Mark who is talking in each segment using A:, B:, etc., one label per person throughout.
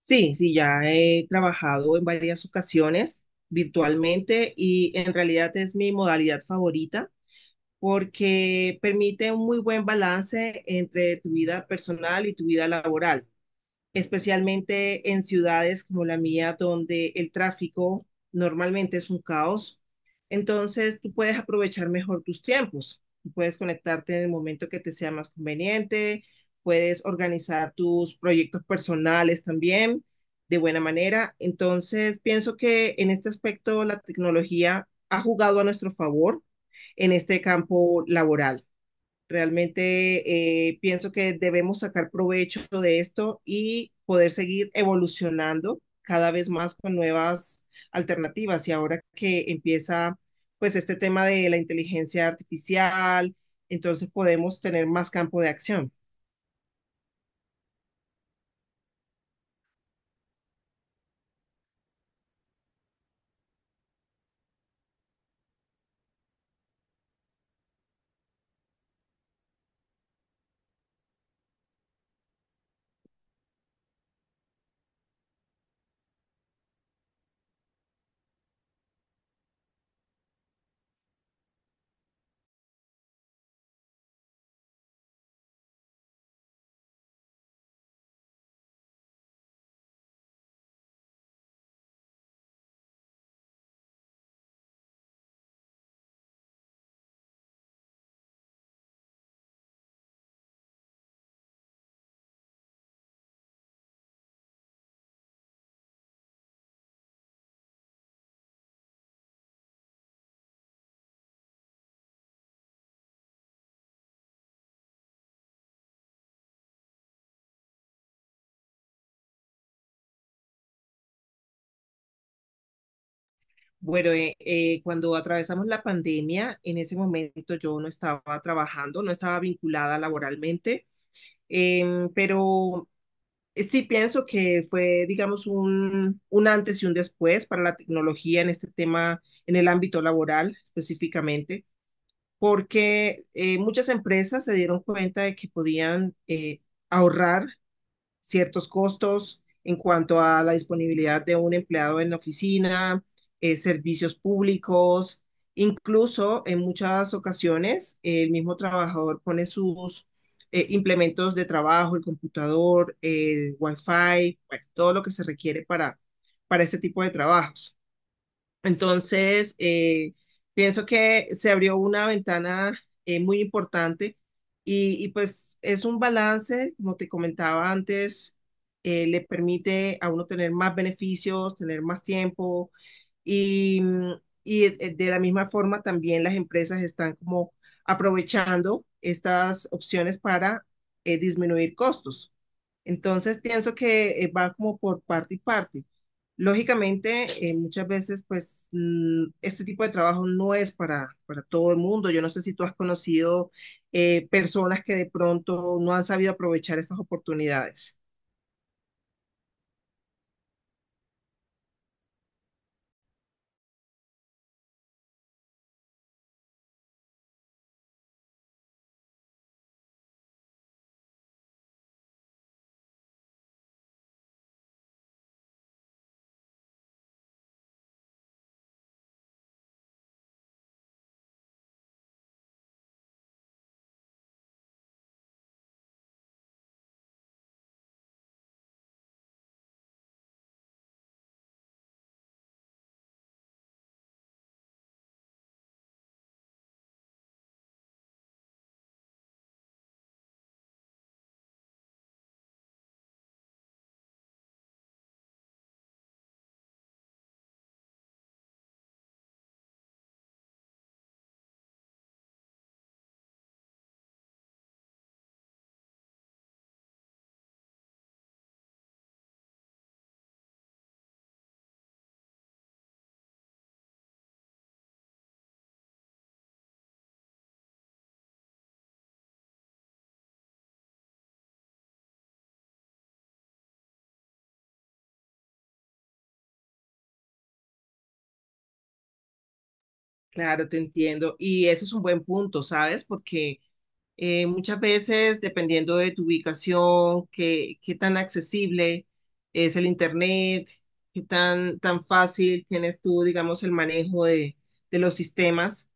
A: Sí, sí, ya he trabajado en varias ocasiones virtualmente y en realidad es mi modalidad favorita porque permite un muy buen balance entre tu vida personal y tu vida laboral, especialmente en ciudades como la mía, donde el tráfico normalmente es un caos. Entonces, tú puedes aprovechar mejor tus tiempos. Tú puedes conectarte en el momento que te sea más conveniente, puedes organizar tus proyectos personales también de buena manera. Entonces, pienso que en este aspecto la tecnología ha jugado a nuestro favor en este campo laboral. Realmente pienso que debemos sacar provecho de esto y poder seguir evolucionando cada vez más con nuevas alternativas. Y ahora que empieza pues este tema de la inteligencia artificial, entonces podemos tener más campo de acción. Bueno, cuando atravesamos la pandemia, en ese momento yo no estaba trabajando, no estaba vinculada laboralmente, pero sí pienso que fue, digamos, un antes y un después para la tecnología en este tema, en el ámbito laboral específicamente, porque muchas empresas se dieron cuenta de que podían ahorrar ciertos costos en cuanto a la disponibilidad de un empleado en la oficina, servicios públicos, incluso en muchas ocasiones el mismo trabajador pone sus implementos de trabajo, el computador, el wifi, bueno, todo lo que se requiere para este tipo de trabajos. Entonces, pienso que se abrió una ventana muy importante pues es un balance, como te comentaba antes, le permite a uno tener más beneficios, tener más tiempo y, mm, y de la misma forma también las empresas están como aprovechando estas opciones para disminuir costos. Entonces pienso que va como por parte y parte. Lógicamente, muchas veces, pues, este tipo de trabajo no es para todo el mundo. Yo no sé si tú has conocido personas que de pronto no han sabido aprovechar estas oportunidades. Claro, te entiendo. Y eso es un buen punto, ¿sabes? Porque muchas veces, dependiendo de tu ubicación, qué tan accesible es el internet, qué tan fácil tienes tú, digamos, el manejo de los sistemas.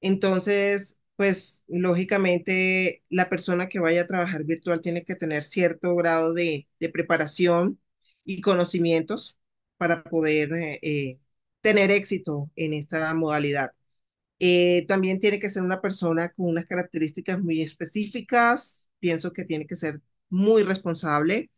A: Entonces, pues lógicamente la persona que vaya a trabajar virtual tiene que tener cierto grado de preparación y conocimientos para poder tener éxito en esta modalidad. También tiene que ser una persona con unas características muy específicas. Pienso que tiene que ser muy responsable,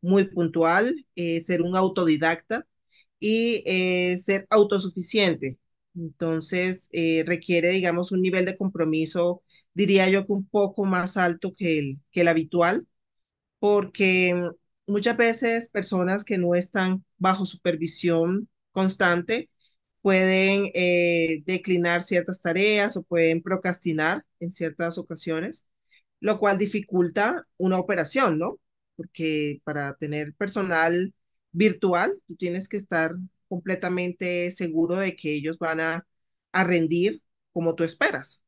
A: muy puntual, ser un autodidacta y ser autosuficiente. Entonces, requiere, digamos, un nivel de compromiso, diría yo que un poco más alto que que el habitual porque muchas veces personas que no están bajo supervisión constante pueden declinar ciertas tareas o pueden procrastinar en ciertas ocasiones, lo cual dificulta una operación, ¿no? Porque para tener personal virtual, tú tienes que estar completamente seguro de que ellos van a rendir como tú esperas.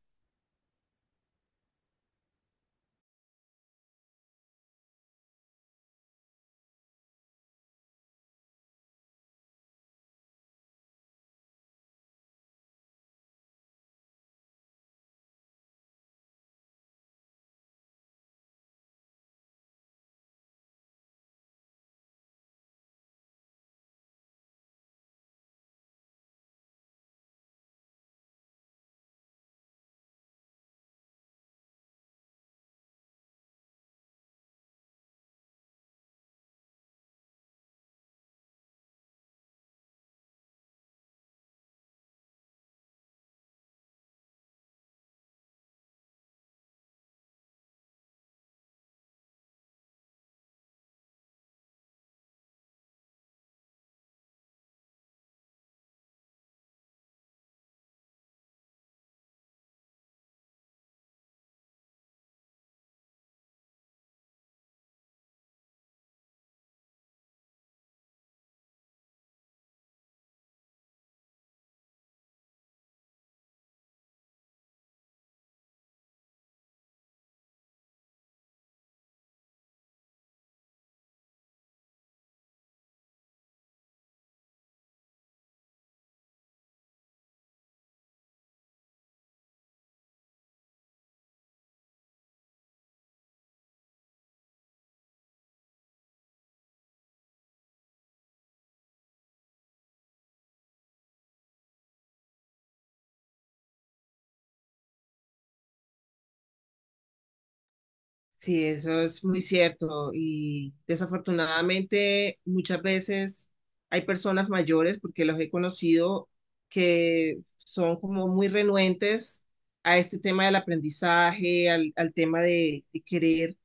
A: Sí, eso es muy cierto y desafortunadamente muchas veces hay personas mayores, porque los he conocido, que son como muy renuentes a este tema del aprendizaje, al tema de querer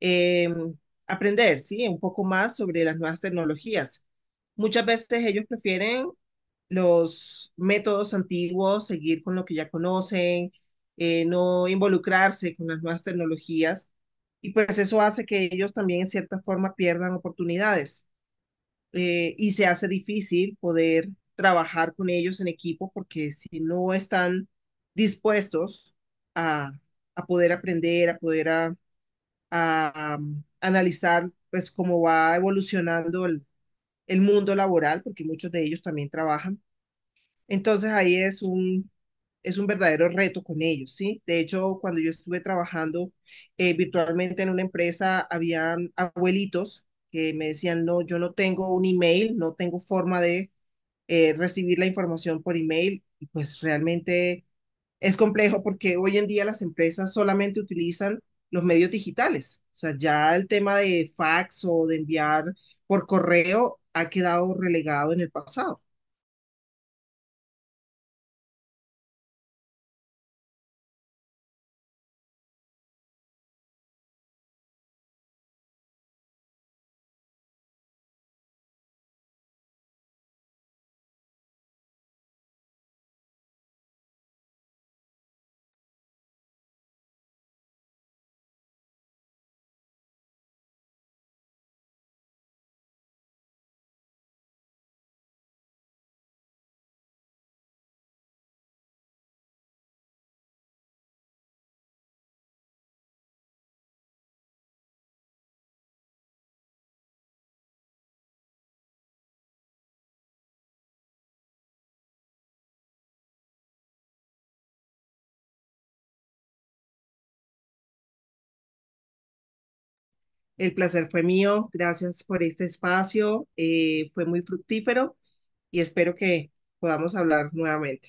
A: eh, aprender, ¿sí? Un poco más sobre las nuevas tecnologías. Muchas veces ellos prefieren los métodos antiguos, seguir con lo que ya conocen, no involucrarse con las nuevas tecnologías. Y pues eso hace que ellos también en cierta forma pierdan oportunidades. Y se hace difícil poder trabajar con ellos en equipo porque si no están dispuestos a, a poder aprender, a poder analizar pues cómo va evolucionando el mundo laboral, porque muchos de ellos también trabajan. Entonces ahí es es un verdadero reto con ellos, ¿sí? De hecho, cuando yo estuve trabajando virtualmente en una empresa, habían abuelitos que me decían, no, yo no tengo un email, no tengo forma de recibir la información por email. Y pues realmente es complejo porque hoy en día las empresas solamente utilizan los medios digitales. O sea, ya el tema de fax o de enviar por correo ha quedado relegado en el pasado. El placer fue mío. Gracias por este espacio. Fue muy fructífero y espero que podamos hablar nuevamente.